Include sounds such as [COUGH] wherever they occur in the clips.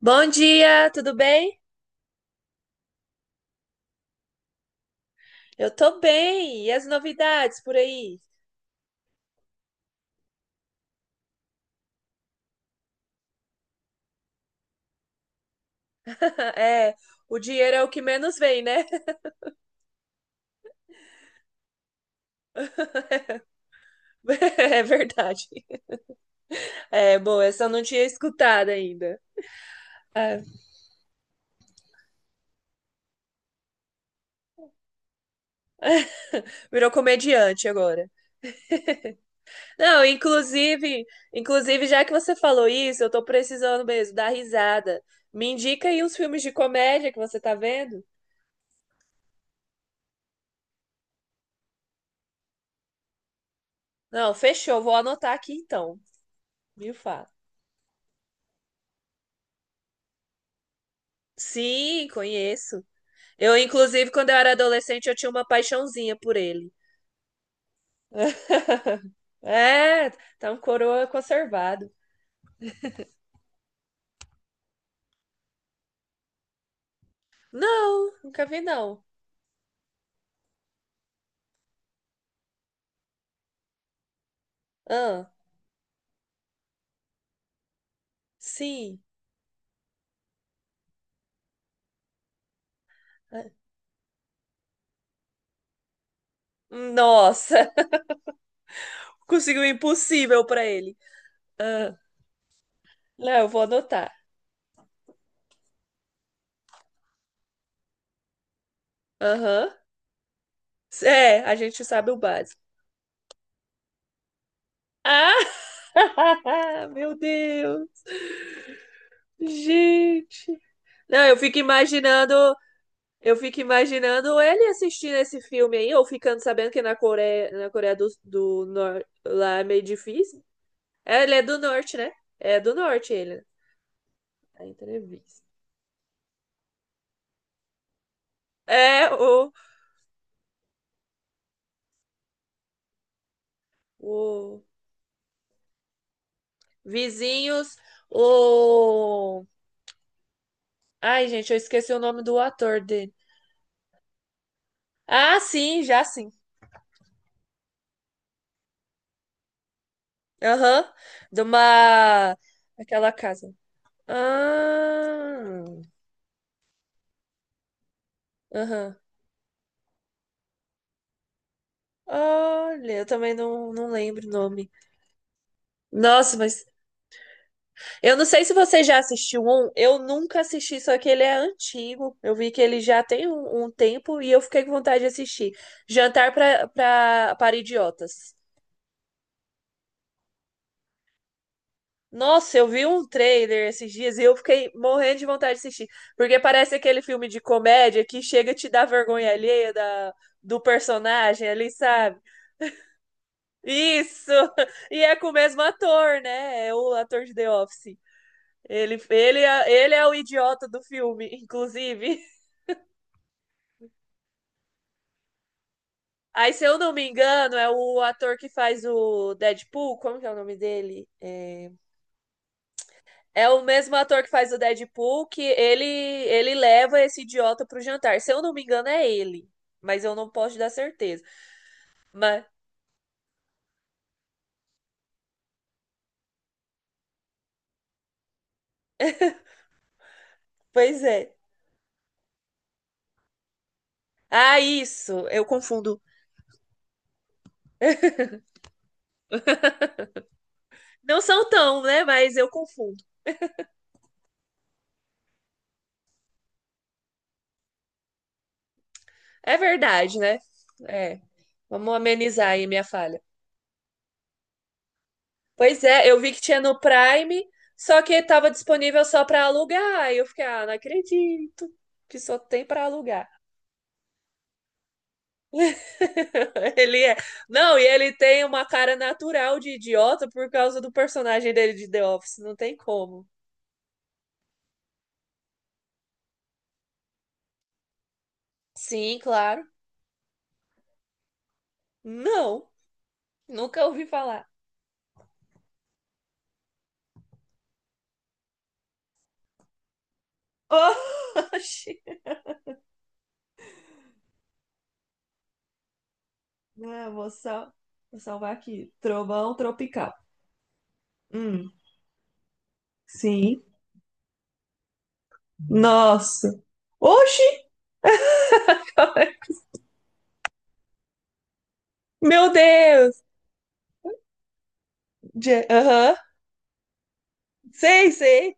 Bom dia, tudo bem? Eu tô bem. E as novidades por aí? [LAUGHS] É, o dinheiro é o que menos vem, né? [LAUGHS] É verdade. É, bom, essa eu não tinha escutado ainda. É, [LAUGHS] virou comediante agora. Não, inclusive, inclusive, já que você falou isso, eu tô precisando mesmo dar risada. Me indica aí uns filmes de comédia que você tá vendo? Não, fechou, vou anotar aqui então, viu, Fá? Sim, conheço. Eu, inclusive, quando eu era adolescente, eu tinha uma paixãozinha por ele. [LAUGHS] É, tá um coroa conservado. Não, nunca vi, não. Ah, sim. Ah, nossa, [LAUGHS] conseguiu o impossível pra ele. Ah, não, eu vou anotar. Aham. É, a gente sabe o básico. Ah, [LAUGHS] meu Deus, gente. Não, eu fico imaginando eu fico imaginando ele assistindo esse filme aí, ou ficando sabendo que na Coreia do Norte lá é meio difícil. É, ele é do norte, né? É do norte ele. A entrevista. É o Vizinhos, o. Ai, gente, eu esqueci o nome do ator dele. Ah, sim, já sim. Aham. De uma. Aquela casa. Ah. Aham. Olha, eu também não lembro o nome. Nossa, mas eu não sei se você já assistiu um, eu nunca assisti, só que ele é antigo. Eu vi que ele já tem um, um tempo e eu fiquei com vontade de assistir. Jantar para Idiotas. Nossa, eu vi um trailer esses dias e eu fiquei morrendo de vontade de assistir. Porque parece aquele filme de comédia que chega a te dar vergonha alheia da, do personagem ali, sabe? Isso! [LAUGHS] E é com o mesmo ator, né? É o ator de The Office. Ele é o idiota do filme, inclusive. Aí, se eu não me engano, é o ator que faz o Deadpool. Como que é o nome dele? É, é o mesmo ator que faz o Deadpool que ele leva esse idiota pro jantar. Se eu não me engano, é ele. Mas eu não posso te dar certeza. Mas, pois é. Ah, isso. Eu confundo. Não são tão, né? Mas eu confundo. É verdade, né? É. Vamos amenizar aí minha falha. Pois é, eu vi que tinha no Prime, só que tava disponível só para alugar. Aí eu fiquei, ah, não acredito que só tem para alugar. [LAUGHS] Ele é. Não, e ele tem uma cara natural de idiota por causa do personagem dele de The Office, não tem como. Sim, claro. Não, nunca ouvi falar. [LAUGHS] Oxi. Ah, vou salvar aqui. Trovão tropical. Hum, sim. Nossa. Oxi! Meu Deus! Je- aham. Sei, sei.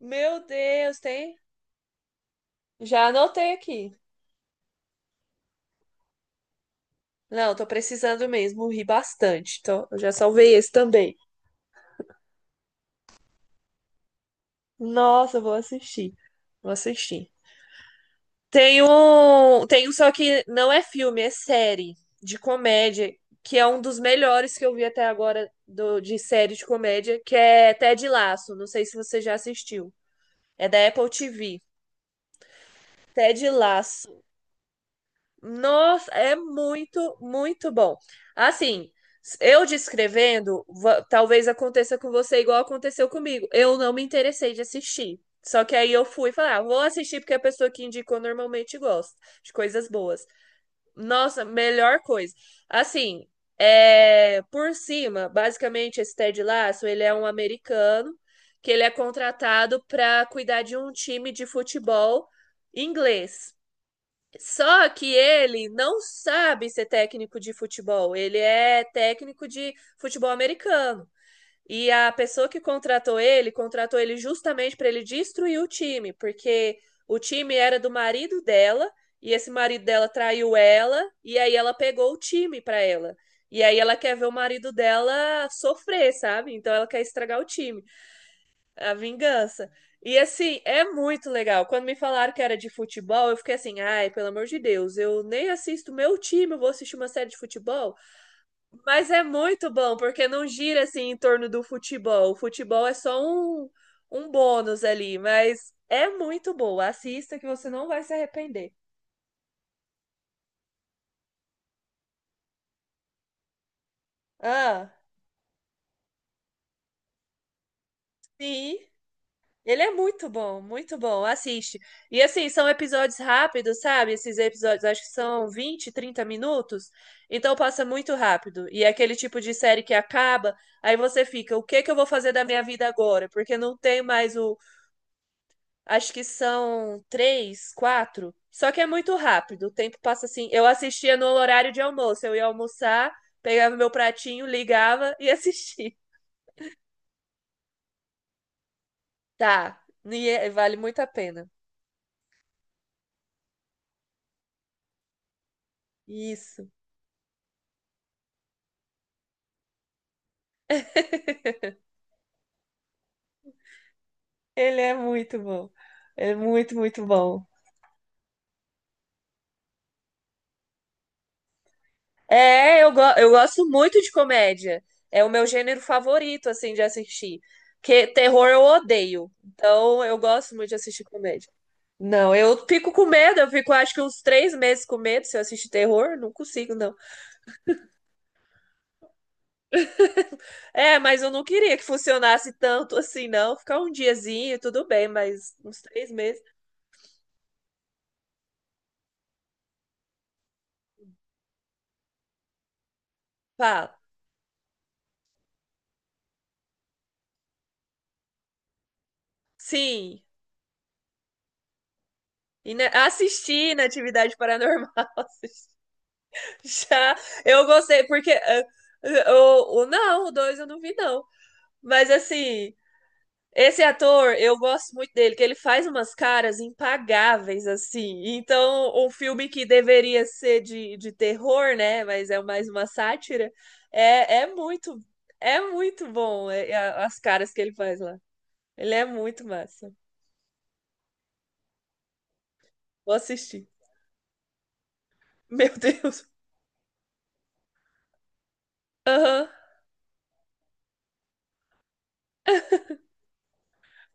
Meu Deus, tem. Já anotei aqui. Não, tô precisando mesmo, ri bastante. Então, eu já salvei esse também. Nossa, vou assistir. Vou assistir. Tem um só que não é filme, é série de comédia, que é um dos melhores que eu vi até agora do, de série de comédia, que é Ted Lasso. Não sei se você já assistiu. É da Apple TV. Ted Lasso. Nossa, é muito, muito bom. Assim, eu descrevendo, va- talvez aconteça com você igual aconteceu comigo. Eu não me interessei de assistir. Só que aí eu fui falar, ah, vou assistir porque é a pessoa que indicou normalmente gosta de coisas boas. Nossa, melhor coisa. Assim, é, por cima, basicamente esse Ted Lasso, ele é um americano que ele é contratado para cuidar de um time de futebol inglês. Só que ele não sabe ser técnico de futebol. Ele é técnico de futebol americano. E a pessoa que contratou ele justamente para ele destruir o time, porque o time era do marido dela, e esse marido dela traiu ela, e aí ela pegou o time para ela. E aí ela quer ver o marido dela sofrer, sabe? Então ela quer estragar o time. A vingança. E assim, é muito legal. Quando me falaram que era de futebol, eu fiquei assim, ai, pelo amor de Deus, eu nem assisto meu time, eu vou assistir uma série de futebol. Mas é muito bom, porque não gira assim em torno do futebol. O futebol é só um, um bônus ali, mas é muito boa. Assista que você não vai se arrepender. Ah, sim. Ele é muito bom, muito bom. Assiste. E assim, são episódios rápidos, sabe? Esses episódios acho que são 20, 30 minutos. Então passa muito rápido. E é aquele tipo de série que acaba, aí você fica, o que que eu vou fazer da minha vida agora? Porque não tem mais o. Acho que são três, quatro. Só que é muito rápido. O tempo passa assim. Eu assistia no horário de almoço. Eu ia almoçar, pegava meu pratinho, ligava e [LAUGHS] assistia. Tá. E é- vale muito a pena. Isso. Ele é muito bom. Ele é muito, muito bom. Eu gosto muito de comédia. É o meu gênero favorito, assim, de assistir. Porque terror eu odeio. Então, eu gosto muito de assistir comédia. Não, eu fico com medo. Eu fico, acho que uns três meses com medo se eu assistir terror. Não consigo, não. É, mas eu não queria que funcionasse tanto assim, não. Ficar um diazinho, tudo bem, mas uns três meses. Fala. Sim. E, né, assistir na atividade paranormal. [LAUGHS] Já eu gostei, não, o dois eu não vi, não. Mas assim, esse ator, eu gosto muito dele, que ele faz umas caras impagáveis, assim. Então, um filme que deveria ser de terror, né? Mas é mais uma sátira, é, é muito, é muito bom as caras que ele faz lá. Ele é muito massa. Vou assistir. [LAUGHS] Meu Deus. Aham.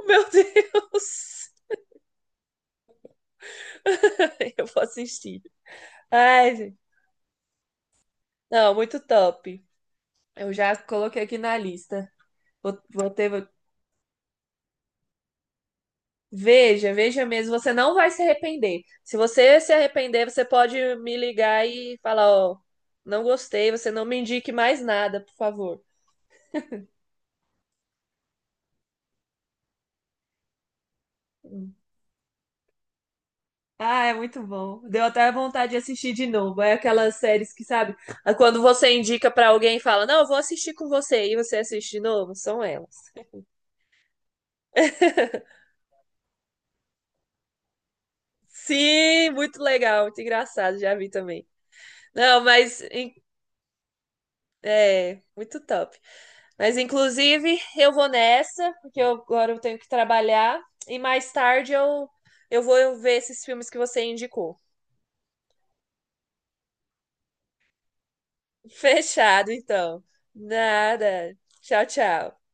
Meu Deus. [LAUGHS] Eu vou assistir. Ai, não, muito top. Eu já coloquei aqui na lista. Vou ter. Veja, veja mesmo, você não vai se arrepender. Se você se arrepender, você pode me ligar e falar, ó, não gostei, você não me indique mais nada, por favor. Hum. Ah, é muito bom. Deu até vontade de assistir de novo. É aquelas séries que, sabe, ah, quando você indica pra alguém e fala, não, eu vou assistir com você, e você assiste de novo, são elas. [LAUGHS] Sim, muito legal, muito engraçado, já vi também. Não, mas em É, muito top. Mas inclusive eu vou nessa, porque eu- agora eu tenho que trabalhar e mais tarde eu vou ver esses filmes que você indicou. [LAUGHS] Fechado, então. Nada. Tchau, tchau.